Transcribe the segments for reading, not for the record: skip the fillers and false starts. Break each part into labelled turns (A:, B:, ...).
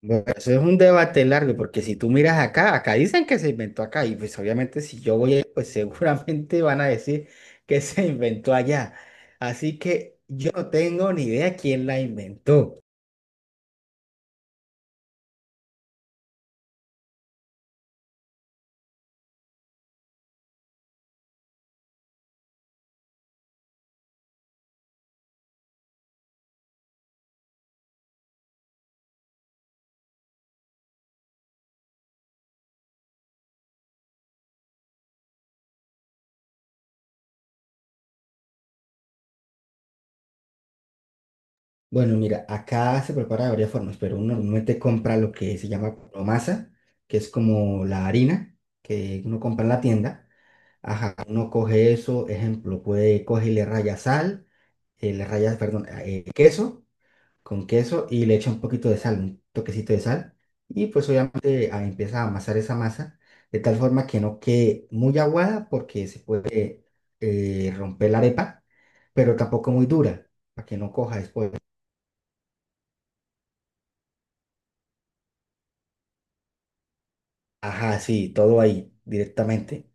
A: Bueno, eso es un debate largo, porque si tú miras acá, acá dicen que se inventó acá, y pues obviamente si yo voy, ahí, pues seguramente van a decir que se inventó allá. Así que yo no tengo ni idea quién la inventó. Bueno, mira, acá se prepara de varias formas, pero uno normalmente compra lo que se llama promasa, que es como la harina que uno compra en la tienda. Ajá, uno coge eso, ejemplo, puede coge y le raya sal, le raya, perdón, queso. Con queso y le echa un poquito de sal, un toquecito de sal. Y pues obviamente empieza a amasar esa masa de tal forma que no quede muy aguada porque se puede romper la arepa, pero tampoco muy dura para que no coja después. Ajá, sí, todo ahí directamente.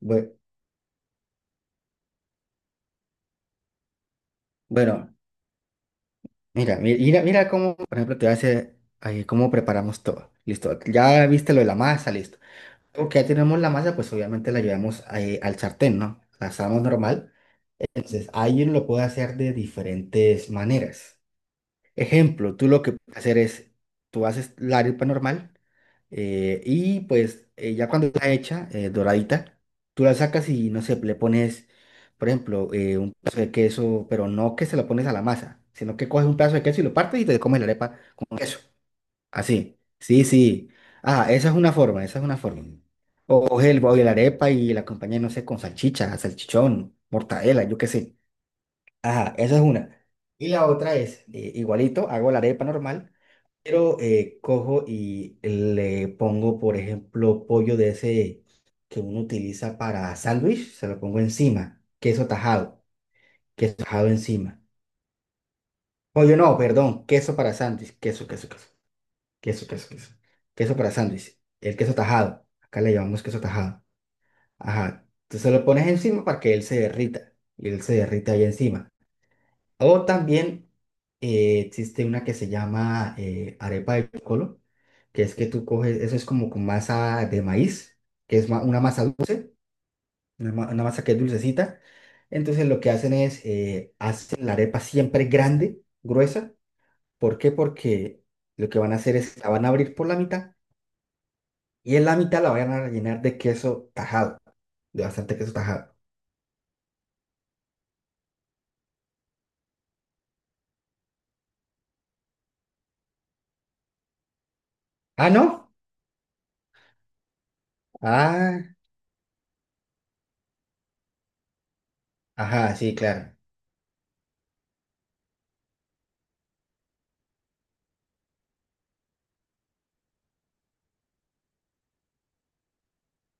A: Bue- Bueno, mira, mira, mira cómo, por ejemplo, te voy a hacer ahí cómo preparamos todo. Listo, ya viste lo de la masa, listo. Porque ya tenemos la masa, pues obviamente la llevamos ahí al sartén, ¿no? La asamos normal. Entonces, alguien lo puede hacer de diferentes maneras. Ejemplo, tú lo que puedes hacer es, tú haces la arepa normal y pues ya cuando está hecha, doradita, tú la sacas y no sé, le pones, por ejemplo, un pedazo de queso, pero no que se lo pones a la masa, sino que coges un pedazo de queso y lo partes y te comes la arepa con queso. Así, sí, sí. Ah, esa es una forma, esa es una forma. O coge el, o la arepa y la acompaña, no sé, con salchicha, salchichón, mortadela, yo qué sé. Ajá, esa es una. Y la otra es, igualito, hago la arepa normal, pero cojo y le pongo, por ejemplo, pollo de ese que uno utiliza para sándwich, se lo pongo encima, queso tajado encima. Pollo no, perdón, queso para sándwich, queso, queso, queso, queso, queso, queso, queso para sándwich, el queso tajado, acá le llamamos queso tajado. Ajá, entonces lo pones encima para que él se derrita, y él se derrita ahí encima. O también existe una que se llama arepa de colo, que es que tú coges, eso es como con masa de maíz, una masa dulce, una masa que es dulcecita. Entonces lo que hacen es, hacen la arepa siempre grande, gruesa. ¿Por qué? Porque lo que van a hacer es, la van a abrir por la mitad y en la mitad la van a rellenar de queso tajado, de bastante queso tajado. Ah, ¿no? Ah, ajá, sí, claro.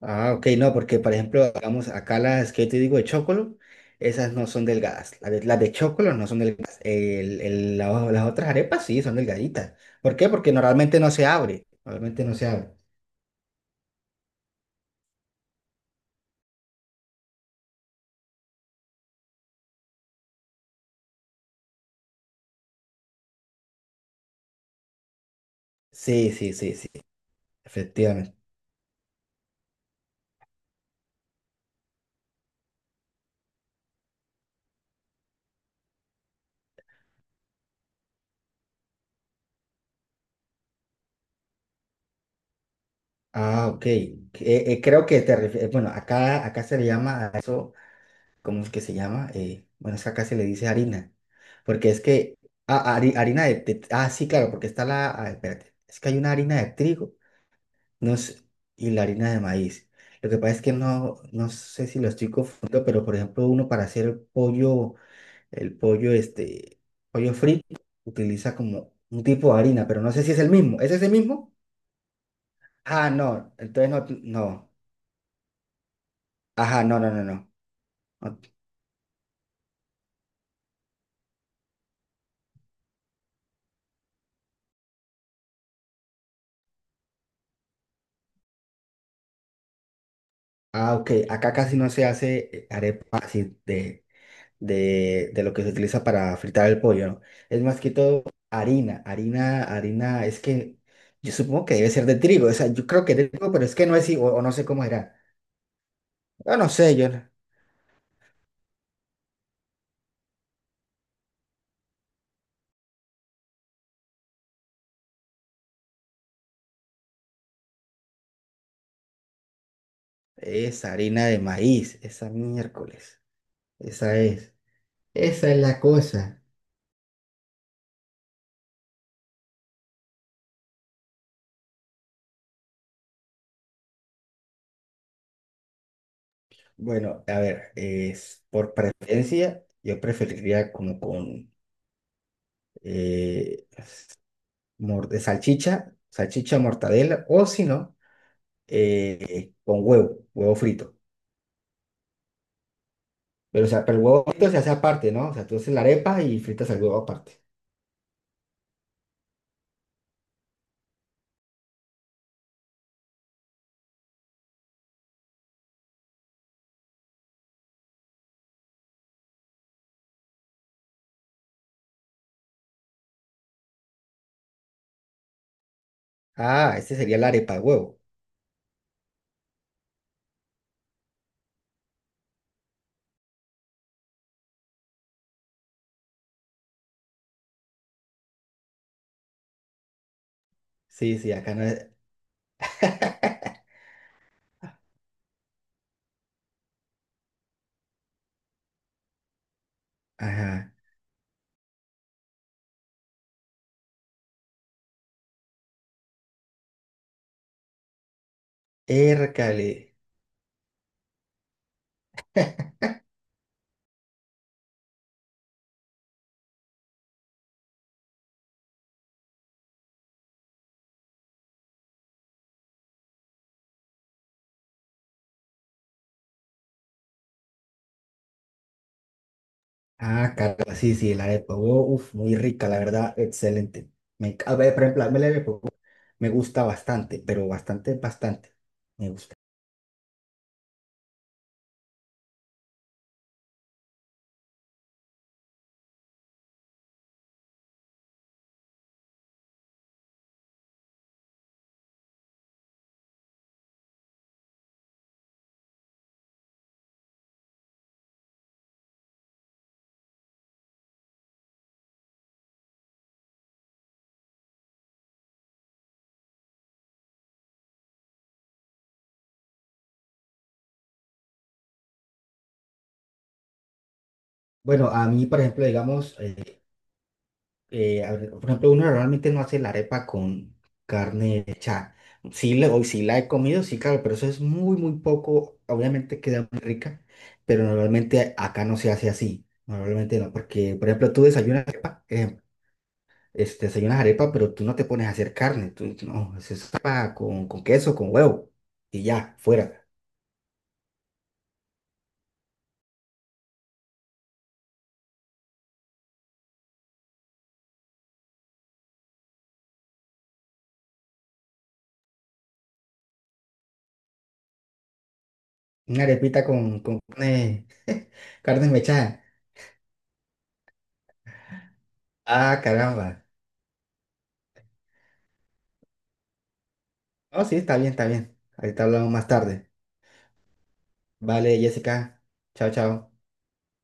A: Ah, ok, no, porque por ejemplo, digamos, acá las que yo te digo de chocolo, esas no son delgadas. Las de chocolo no son delgadas. El- la Las otras arepas sí son delgaditas. ¿Por qué? Porque normalmente no se abre. Normalmente no se abre. Sí, sí, sí, sí, efectivamente. Ah, ok. Creo que te refieres, bueno, acá, acá se le llama a eso, ¿cómo es que se llama? Bueno, es que acá se le dice harina. Porque es que, harina de, ah, sí, claro, porque está la, ah, espérate, es que hay una harina de trigo. No sé, y la harina de maíz. Lo que pasa es que no, no sé si lo estoy confundiendo, pero por ejemplo, uno para hacer el pollo, este, pollo frito, utiliza como un tipo de harina, pero no sé si es el mismo. ¿Es ese mismo? Ah, no, entonces no, no. Ajá, no, no, no, no. Ah, ok, acá casi no se hace arepa así de lo que se utiliza para fritar el pollo, ¿no? Es más que todo harina, es que yo supongo que debe ser de trigo, o sea, yo creo que de trigo, pero es que no es, o no sé cómo era. Yo no sé, yo no- es harina de maíz, esa miércoles, esa es, esa es la cosa. Bueno, a ver, es por preferencia, yo preferiría como con eh, de salchicha, salchicha mortadela, o si no, con huevo, huevo frito. Pero, o sea, pero el huevo frito se hace aparte, ¿no? O sea, tú haces la arepa y fritas el huevo aparte. Ah, este sería la arepa de huevo. Sí, sí, acá no es. Ajá. Ércale. Ah, caramba, sí, sí, la arepa de huevo. Uf, muy rica, la verdad, excelente. A ver, por ejemplo, a mí la arepa de huevo me gusta bastante, pero bastante, bastante. Me gusta. Bueno, a mí, por ejemplo, digamos. A ver, por ejemplo, uno normalmente no hace la arepa con carne hecha. Sí, le, hoy sí la he comido, sí, claro, pero eso es muy, muy poco. Obviamente queda muy rica, pero normalmente acá no se hace así. Normalmente no, porque, por ejemplo, tú desayunas arepa, desayunas arepa, pero tú no te pones a hacer carne. Tú, no, es arepa con queso, con huevo y ya, fuera. Una arepita con carne, carne mechada. Ah, caramba. Oh, sí, está bien, está bien. Ahorita hablamos más tarde. Vale, Jessica. Chao, chao.